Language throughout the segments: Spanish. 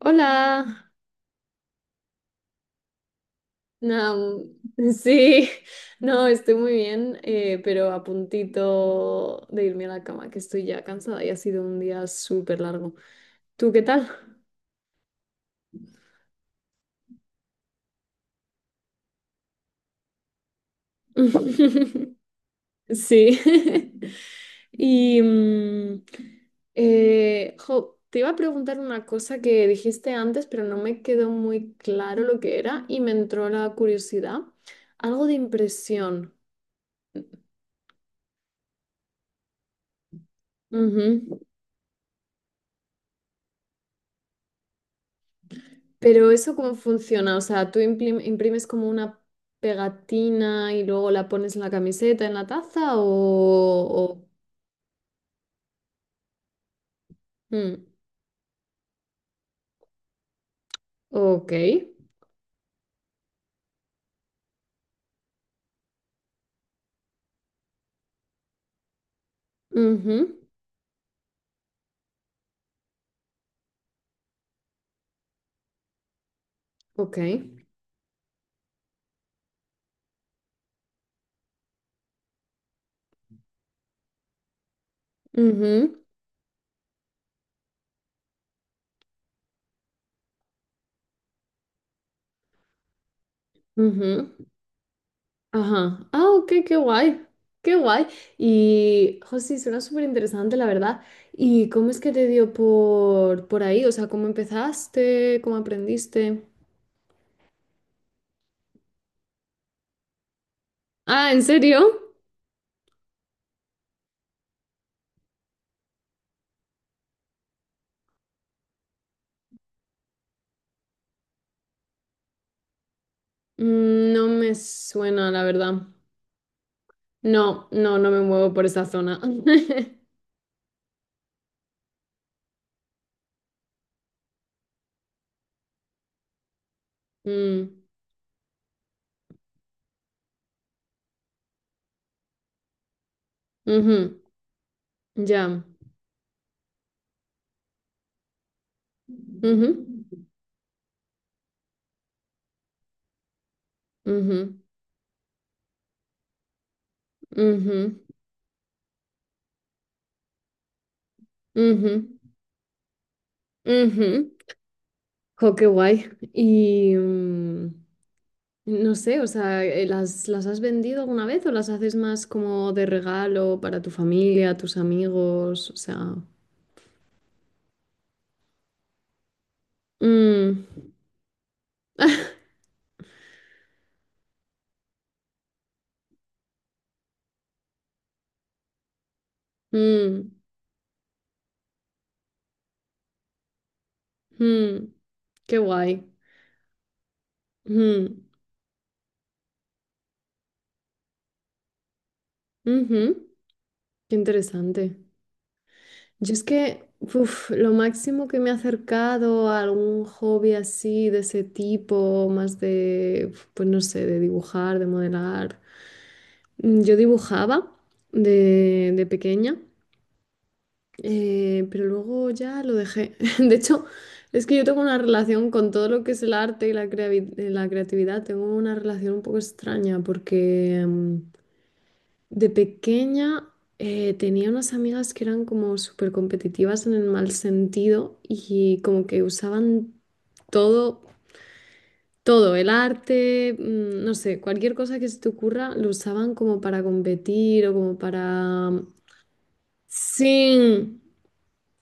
Hola, no, sí, no, estoy muy bien, pero a puntito de irme a la cama, que estoy ya cansada y ha sido un día súper largo. ¿Tú qué tal? Sí. Y, jo, te iba a preguntar una cosa que dijiste antes, pero no me quedó muy claro lo que era y me entró la curiosidad. Algo de impresión. Ujú. Pero eso cómo funciona, o sea, tú imprimes como una pegatina y luego la pones en la camiseta, en la taza o... o- mm, ok. Ujú, ok. Ujú, ujú. Ajá. Ah, ok, qué guay. Qué guay. Y, José, suena súper interesante, la verdad. ¿Y cómo es que te dio por ahí? O sea, ¿cómo empezaste? ¿Cómo aprendiste? Ah, ¿en serio? No me suena, la verdad. No, no, no me muevo por esa zona. Mm, ujú, ya. Ujú, ujú, ujú, ujú, ujú. Jo, qué guay. Y no sé, o sea, ¿las has vendido alguna vez o las haces más como de regalo para tu familia, tus amigos? O sea. Mm, mm, mm, qué guay. Mm, ujú, qué interesante. Yo es que uf, lo máximo que me he acercado a algún hobby así de ese tipo, más de, pues no sé, de dibujar, de modelar. Yo dibujaba de pequeña, pero luego ya lo dejé. De hecho, es que yo tengo una relación con todo lo que es el arte y la creatividad, tengo una relación un poco extraña porque... de pequeña tenía unas amigas que eran como súper competitivas en el mal sentido y como que usaban todo, todo, el arte, no sé, cualquier cosa que se te ocurra, lo usaban como para competir o como para... Sí,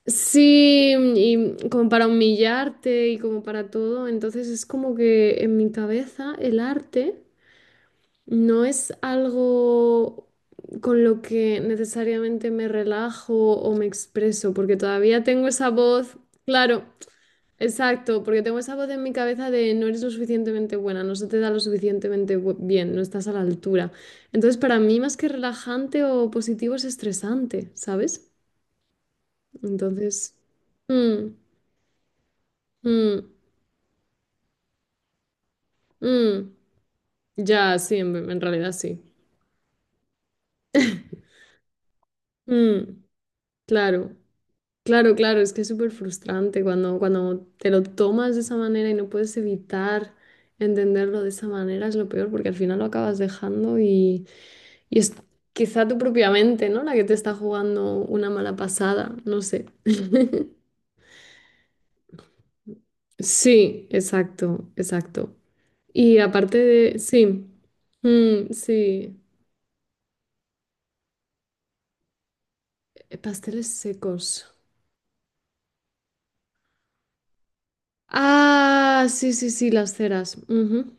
sí, y como para humillarte y como para todo. Entonces es como que en mi cabeza el arte... No es algo con lo que necesariamente me relajo o me expreso, porque todavía tengo esa voz, claro, exacto, porque tengo esa voz en mi cabeza de no eres lo suficientemente buena, no se te da lo suficientemente bien, no estás a la altura. Entonces, para mí, más que relajante o positivo, es estresante, ¿sabes? Entonces, mm, mm, mm, ya, sí, en realidad sí. Mm, claro. Claro, claro, es que es súper frustrante cuando te lo tomas de esa manera y no puedes evitar entenderlo de esa manera, es lo peor, porque al final lo acabas dejando y es quizá tu propia mente, ¿no? La que te está jugando una mala pasada, no sé. Sí, exacto, exacto. Y aparte de, sí, mm, sí, pasteles secos. Ah, sí, sí, sí, las ceras. Ujú.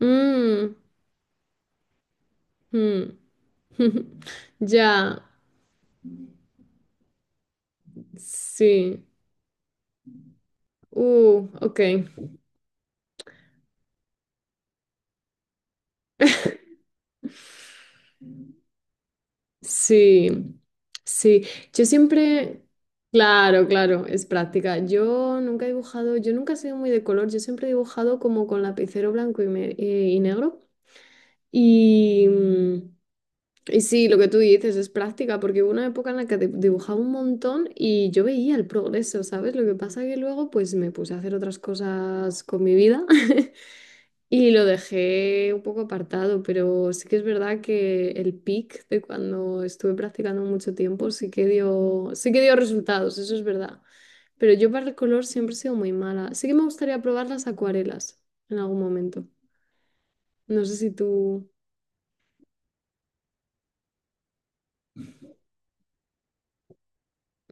Mm, mm. Ya, sí, ok, sí, sí, yo siempre, claro, claro, es práctica, yo nunca he dibujado, yo nunca he sido muy de color, yo siempre he dibujado como con lapicero blanco y, y negro, y, mm, y sí, lo que tú dices es práctica, porque hubo una época en la que dibujaba un montón y yo veía el progreso, ¿sabes? Lo que pasa que luego pues me puse a hacer otras cosas con mi vida. Y lo dejé un poco apartado, pero sí que es verdad que el peak de cuando estuve practicando mucho tiempo sí que dio resultados, eso es verdad. Pero yo para el color siempre he sido muy mala. Sí que me gustaría probar las acuarelas en algún momento. No sé si tú...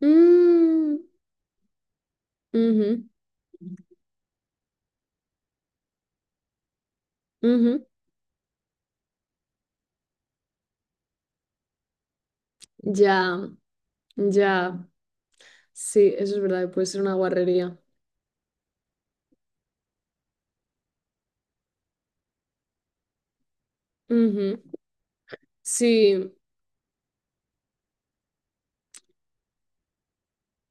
Mm, ujú, ujú. Ya, ya. Sí, eso es verdad, puede ser una guarrería. Ujú. Sí,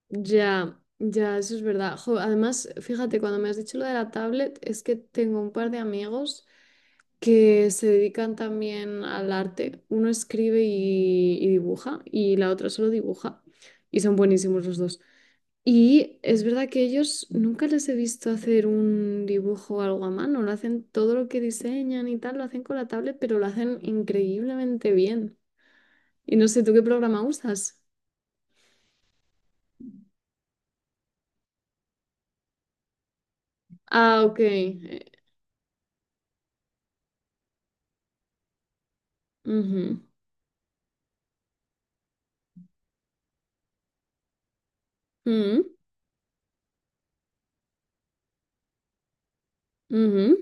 ya, ya, eso es verdad. Jo, además, fíjate, cuando me has dicho lo de la tablet, es que tengo un par de amigos que se dedican también al arte. Uno escribe y dibuja y la otra solo dibuja. Y son buenísimos los dos. Y es verdad que ellos nunca les he visto hacer un dibujo o algo a mano. Lo hacen todo lo que diseñan y tal, lo hacen con la tablet, pero lo hacen increíblemente bien. Y no sé, ¿tú qué programa usas? Ah, ok. Ujú. Mm. Ujú.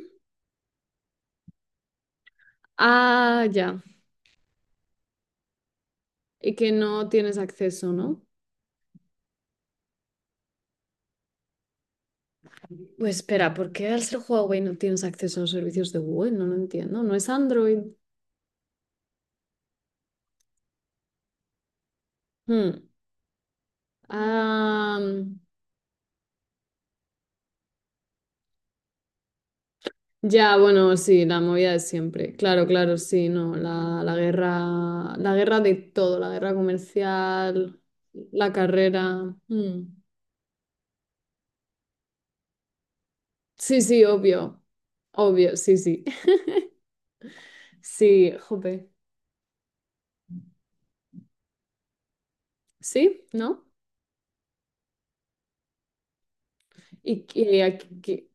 Ah, ya. Y que no tienes acceso, ¿no? Pues espera, ¿por qué al ser Huawei no tienes acceso a los servicios de Google? No lo entiendo. ¿No es Android? Hmm. Ah, ya, bueno, sí, la movida de siempre. Claro, claro, sí, no. La, la guerra de todo, la guerra comercial, la carrera. Hmm. Sí, sí, obvio. Obvio, sí, sí. Sí, jope. ¿Sí? ¿No? ¿Y qué?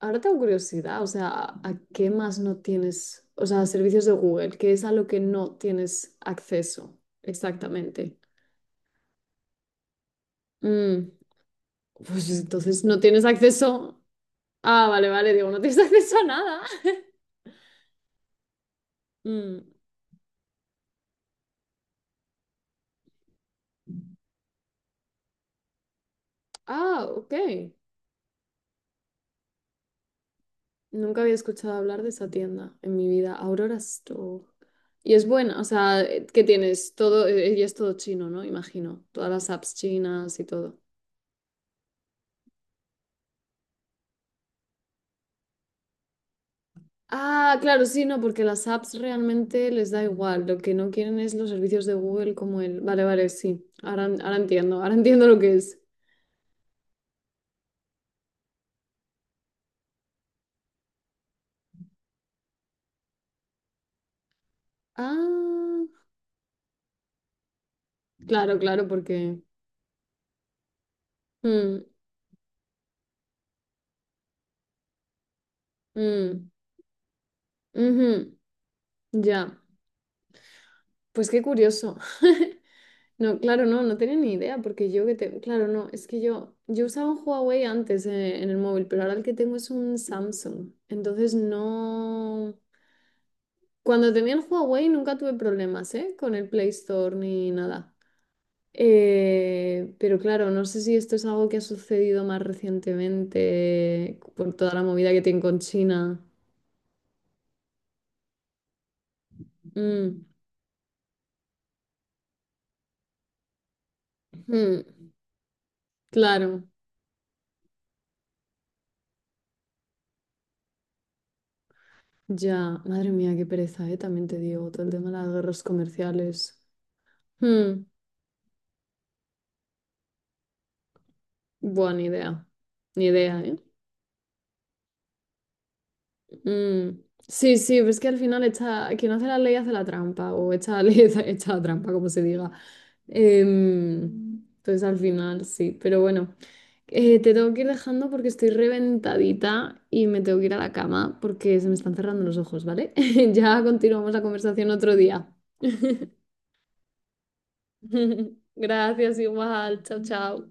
Ahora tengo curiosidad, o sea, ¿a qué más no tienes? O sea, servicios de Google, ¿qué es a lo que no tienes acceso exactamente? Mm, pues entonces no tienes acceso. Ah, vale, vale, digo, no tienes acceso a nada. Mm, ah, ok. Nunca había escuchado hablar de esa tienda en mi vida, Aurora Store. Y es buena, o sea, ¿qué tienes? Todo, y es todo chino, ¿no? Imagino, todas las apps chinas y todo. Ah, claro, sí, no, porque las apps realmente les da igual. Lo que no quieren es los servicios de Google como el. Vale, vale, sí. Ahora, ahora entiendo, ahora entiendo lo que es. Ah, claro, claro, porque. Mm, mm, ujú, ya. Pues qué curioso. No, claro, no, no tenía ni idea, porque yo que te. Claro, no, es que yo, usaba un Huawei antes en el móvil, pero ahora el que tengo es un Samsung. Entonces no. Cuando tenía el Huawei nunca tuve problemas, ¿eh? Con el Play Store ni nada. Pero claro, no sé si esto es algo que ha sucedido más recientemente por toda la movida que tiene con China. Mm, mm, claro, ya. Madre mía, qué pereza, también te digo, todo el tema de las guerras comerciales. Mm, buena idea. Ni idea, ¿eh? Mm, sí, sí, pero es que al final echa, quien hace la ley hace la trampa, o echa la ley, echa, echa la trampa, como se diga. Em, entonces al final sí, pero bueno, te tengo que ir dejando porque estoy reventadita y me tengo que ir a la cama porque se me están cerrando los ojos, ¿vale? Ya continuamos la conversación otro día. Gracias, igual, chao, chao.